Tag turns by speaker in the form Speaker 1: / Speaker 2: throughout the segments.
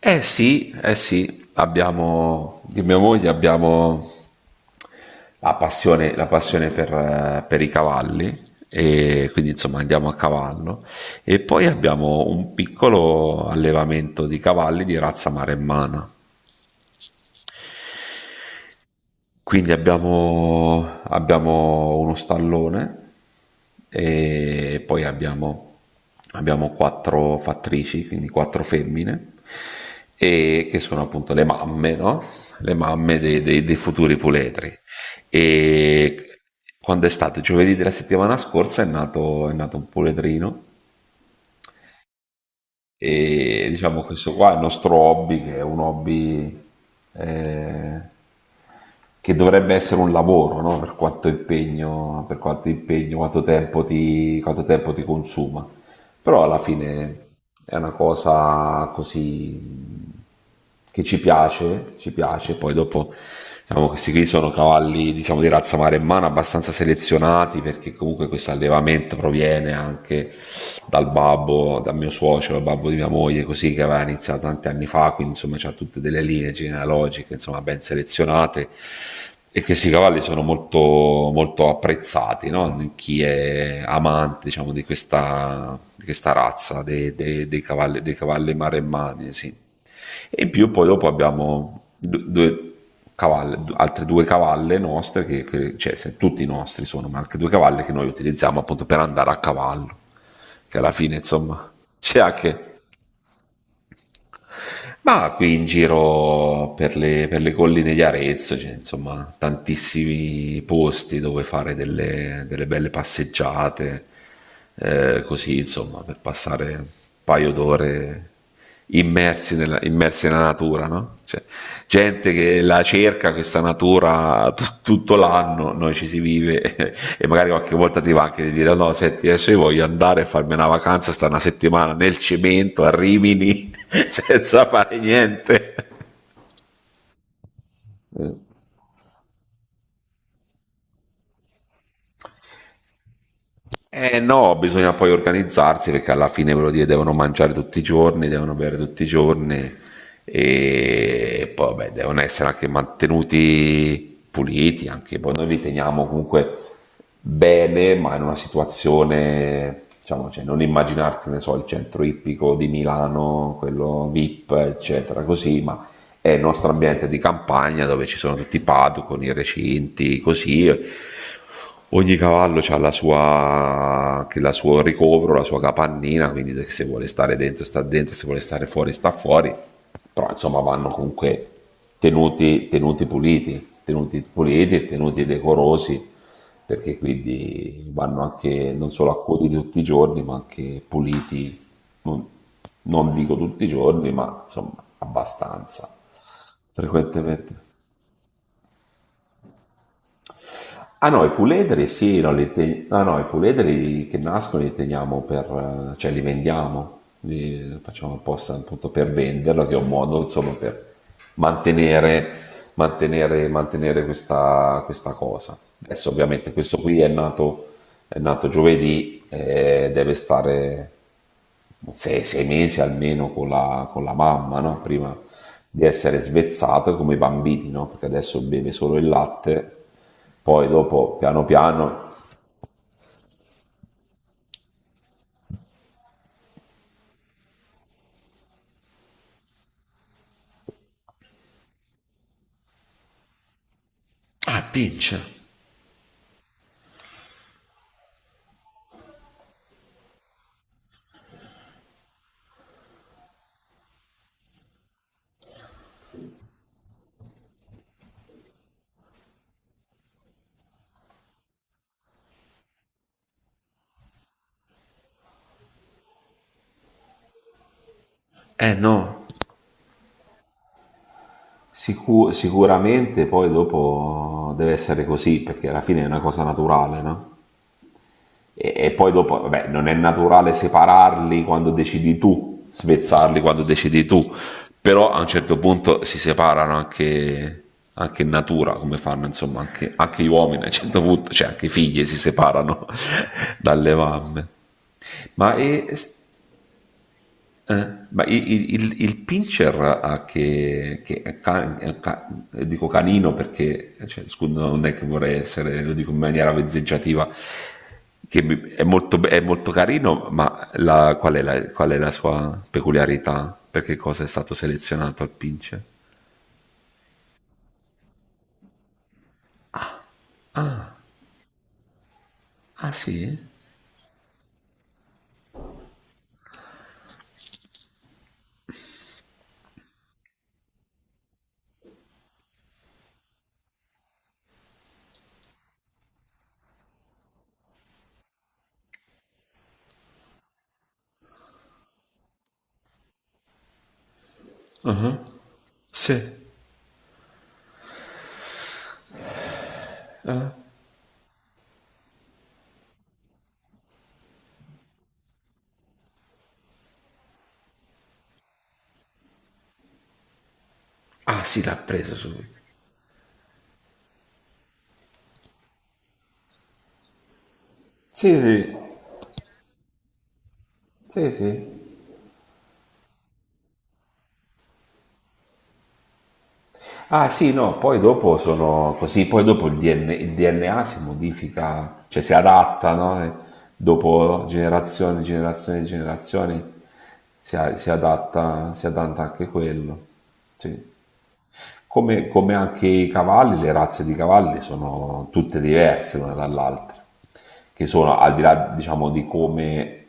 Speaker 1: Sì, eh sì, abbiamo, di mia moglie abbiamo la passione per i cavalli e quindi insomma andiamo a cavallo e poi abbiamo un piccolo allevamento di cavalli di razza maremmana. Quindi abbiamo uno stallone e poi abbiamo quattro fattrici, quindi quattro femmine, e che sono appunto le mamme, no? Le mamme dei futuri puledri. E quando è stato giovedì della settimana scorsa è nato un puledrino e diciamo questo qua è il nostro hobby, che è un hobby eh, che dovrebbe essere un lavoro, no? Per quanto impegno, quanto tempo ti consuma. Però alla fine è una cosa così che ci piace, poi dopo diciamo, questi qui sono cavalli diciamo, di razza maremmana abbastanza selezionati perché comunque questo allevamento proviene anche dal babbo, dal mio suocero, dal babbo di mia moglie, così che aveva iniziato tanti anni fa, quindi insomma c'ha tutte delle linee genealogiche insomma, ben selezionate e questi cavalli sono molto, molto apprezzati, no? Chi è amante diciamo, di questa razza dei cavalli, dei cavalli maremmani. Sì. E in più poi dopo abbiamo due cavalle, altre due cavalle nostre, cioè tutti i nostri sono, ma anche due cavalle che noi utilizziamo appunto per andare a cavallo, che alla fine insomma c'è anche, ma qui in giro per le colline di Arezzo c'è insomma tantissimi posti dove fare delle, delle belle passeggiate, così insomma per passare un paio d'ore immersi nella natura, no? Cioè, gente che la cerca questa natura t- tutto l'anno, noi ci si vive e magari qualche volta ti va anche di dire no, senti, adesso io voglio andare a farmi una vacanza, sta una settimana nel cemento a Rimini senza fare niente. Eh no, bisogna poi organizzarsi perché alla fine ve lo dire, devono mangiare tutti i giorni, devono bere tutti i giorni e poi beh, devono essere anche mantenuti puliti, anche poi noi li teniamo comunque bene, ma in una situazione, diciamo, cioè, non immaginarti, ne so, il centro ippico di Milano, quello VIP, eccetera, così, ma è il nostro ambiente di campagna dove ci sono tutti i padu con i recinti, così. Ogni cavallo ha la sua, che la suo ricovero, la sua capannina, quindi se vuole stare dentro sta dentro, se vuole stare fuori sta fuori, però insomma vanno comunque tenuti, tenuti puliti e tenuti decorosi, perché quindi vanno anche non solo accuditi tutti i giorni, ma anche puliti, non, non dico tutti i giorni, ma insomma abbastanza frequentemente. Ah no, i puledri sì, no, li te- ah, no, i puledri che nascono li teniamo per, cioè li vendiamo, li facciamo apposta appunto per venderlo, che è un modo insomma per mantenere, mantenere questa cosa. Adesso ovviamente questo qui è nato giovedì e deve stare sei mesi almeno con la, mamma, no? Prima di essere svezzato come i bambini, no? Perché adesso beve solo il latte, poi dopo piano piano. Ah, pince. Eh no. Sicuramente poi dopo deve essere così, perché alla fine è una cosa naturale, no? E poi dopo, vabbè, non è naturale separarli quando decidi tu, svezzarli quando decidi tu, però a un certo punto si separano anche, anche in natura, come fanno insomma anche, anche gli uomini a un certo punto, cioè anche i figli si separano dalle mamme. Ma e, ma il pincher ha che dico canino perché cioè, scusa, non è che vorrei essere, lo dico in maniera vezzeggiativa, è molto carino, ma qual è la sua peculiarità? Per che cosa è stato selezionato il pincher? Ah sì? Sì. Ah sì, l'ha preso subito. Sì, sì, sì, sì. Ah sì, no, poi dopo sono così, poi dopo il DNA si modifica, cioè si adatta, no? E dopo generazioni, generazioni, generazioni si adatta, si adatta anche quello. Sì. Come, come anche i cavalli, le razze di cavalli sono tutte diverse l'una dall'altra, che sono al di là, diciamo, di come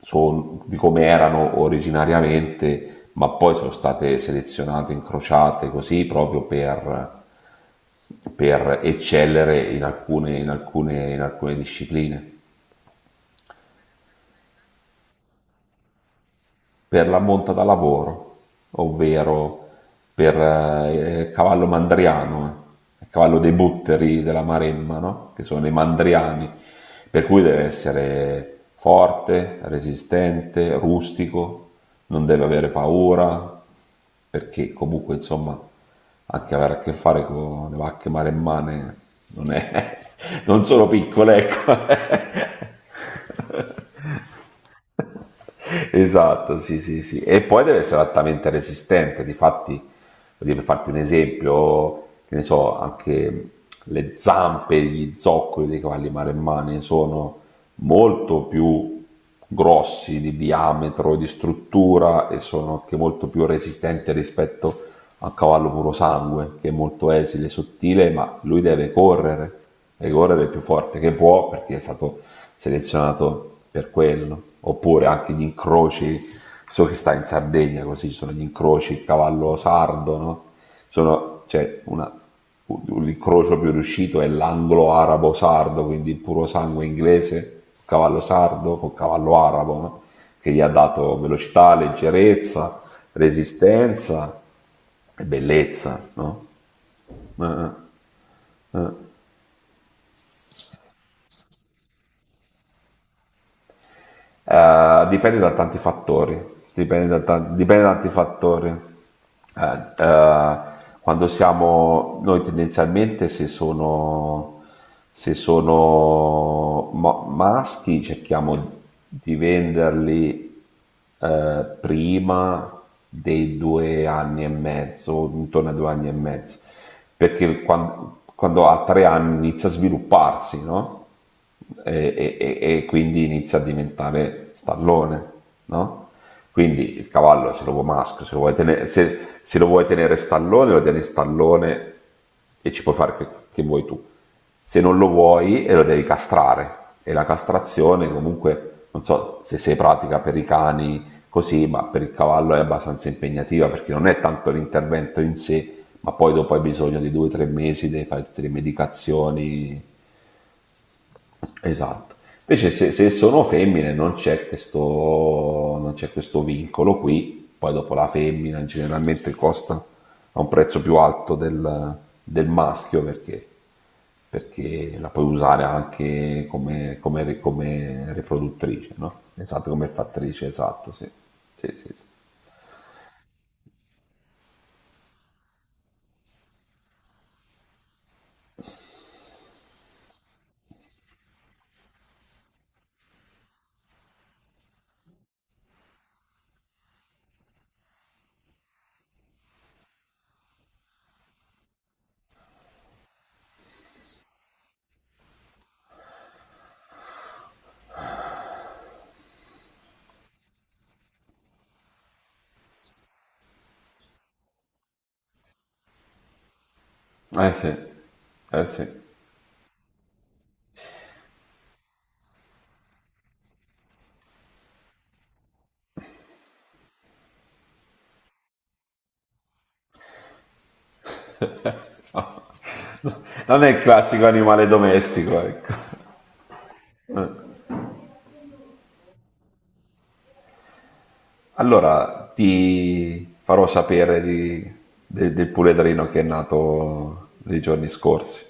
Speaker 1: erano originariamente, ma poi sono state selezionate, incrociate così proprio per eccellere in alcune discipline. Per la monta da lavoro, ovvero per il cavallo mandriano, il cavallo dei butteri della Maremma, no? Che sono i mandriani, per cui deve essere forte, resistente, rustico, non deve avere paura, perché comunque insomma anche avere a che fare con le vacche maremmane non, è, non sono piccole, ecco. Esatto, sì, sì, sì. E poi deve essere altamente resistente. Difatti, voglio dire, per farti un esempio, che ne so, anche le zampe, gli zoccoli dei cavalli maremmani sono molto più grossi di diametro, di struttura e sono anche molto più resistenti rispetto a cavallo puro sangue, che è molto esile, sottile, ma lui deve correre il più forte che può perché è stato selezionato per quello. Oppure anche gli incroci, so che sta in Sardegna così, ci sono gli incroci, il cavallo sardo, no? Sono, cioè, una, l'incrocio più riuscito è l'anglo-arabo-sardo, quindi il puro sangue inglese, cavallo sardo con cavallo arabo, no? Che gli ha dato velocità, leggerezza, resistenza, bellezza, no? Eh, eh. Eh, Eh, dipende da tanti fattori, dipende da tanti fattori. Quando siamo noi tendenzialmente se sono maschi cerchiamo di venderli prima dei due anni e mezzo, intorno ai due anni e mezzo, perché quando, ha 3 anni inizia a svilupparsi, no? E quindi inizia a diventare stallone, no? Quindi il cavallo se lo vuoi maschio, se lo vuoi tenere, se lo vuoi tenere stallone, lo tieni stallone e ci puoi fare che vuoi tu. Se non lo vuoi, e lo devi castrare. E la castrazione comunque, non so se sei pratica per i cani così, ma per il cavallo è abbastanza impegnativa perché non è tanto l'intervento in sé, ma poi dopo hai bisogno di 2 o 3 mesi, devi fare tutte le medicazioni. Esatto. Invece se, se sono femmine non c'è, questo, non c'è questo vincolo qui, poi dopo la femmina generalmente costa a un prezzo più alto del, del maschio perché, perché la puoi usare anche come, come- come riproduttrice, no? Esatto, come fattrice, esatto, sì. Sì, sì, sì. Eh sì, eh sì. Non è il classico animale domestico, ecco. Allora ti farò sapere di- de- del puledrino che è nato nei giorni scorsi.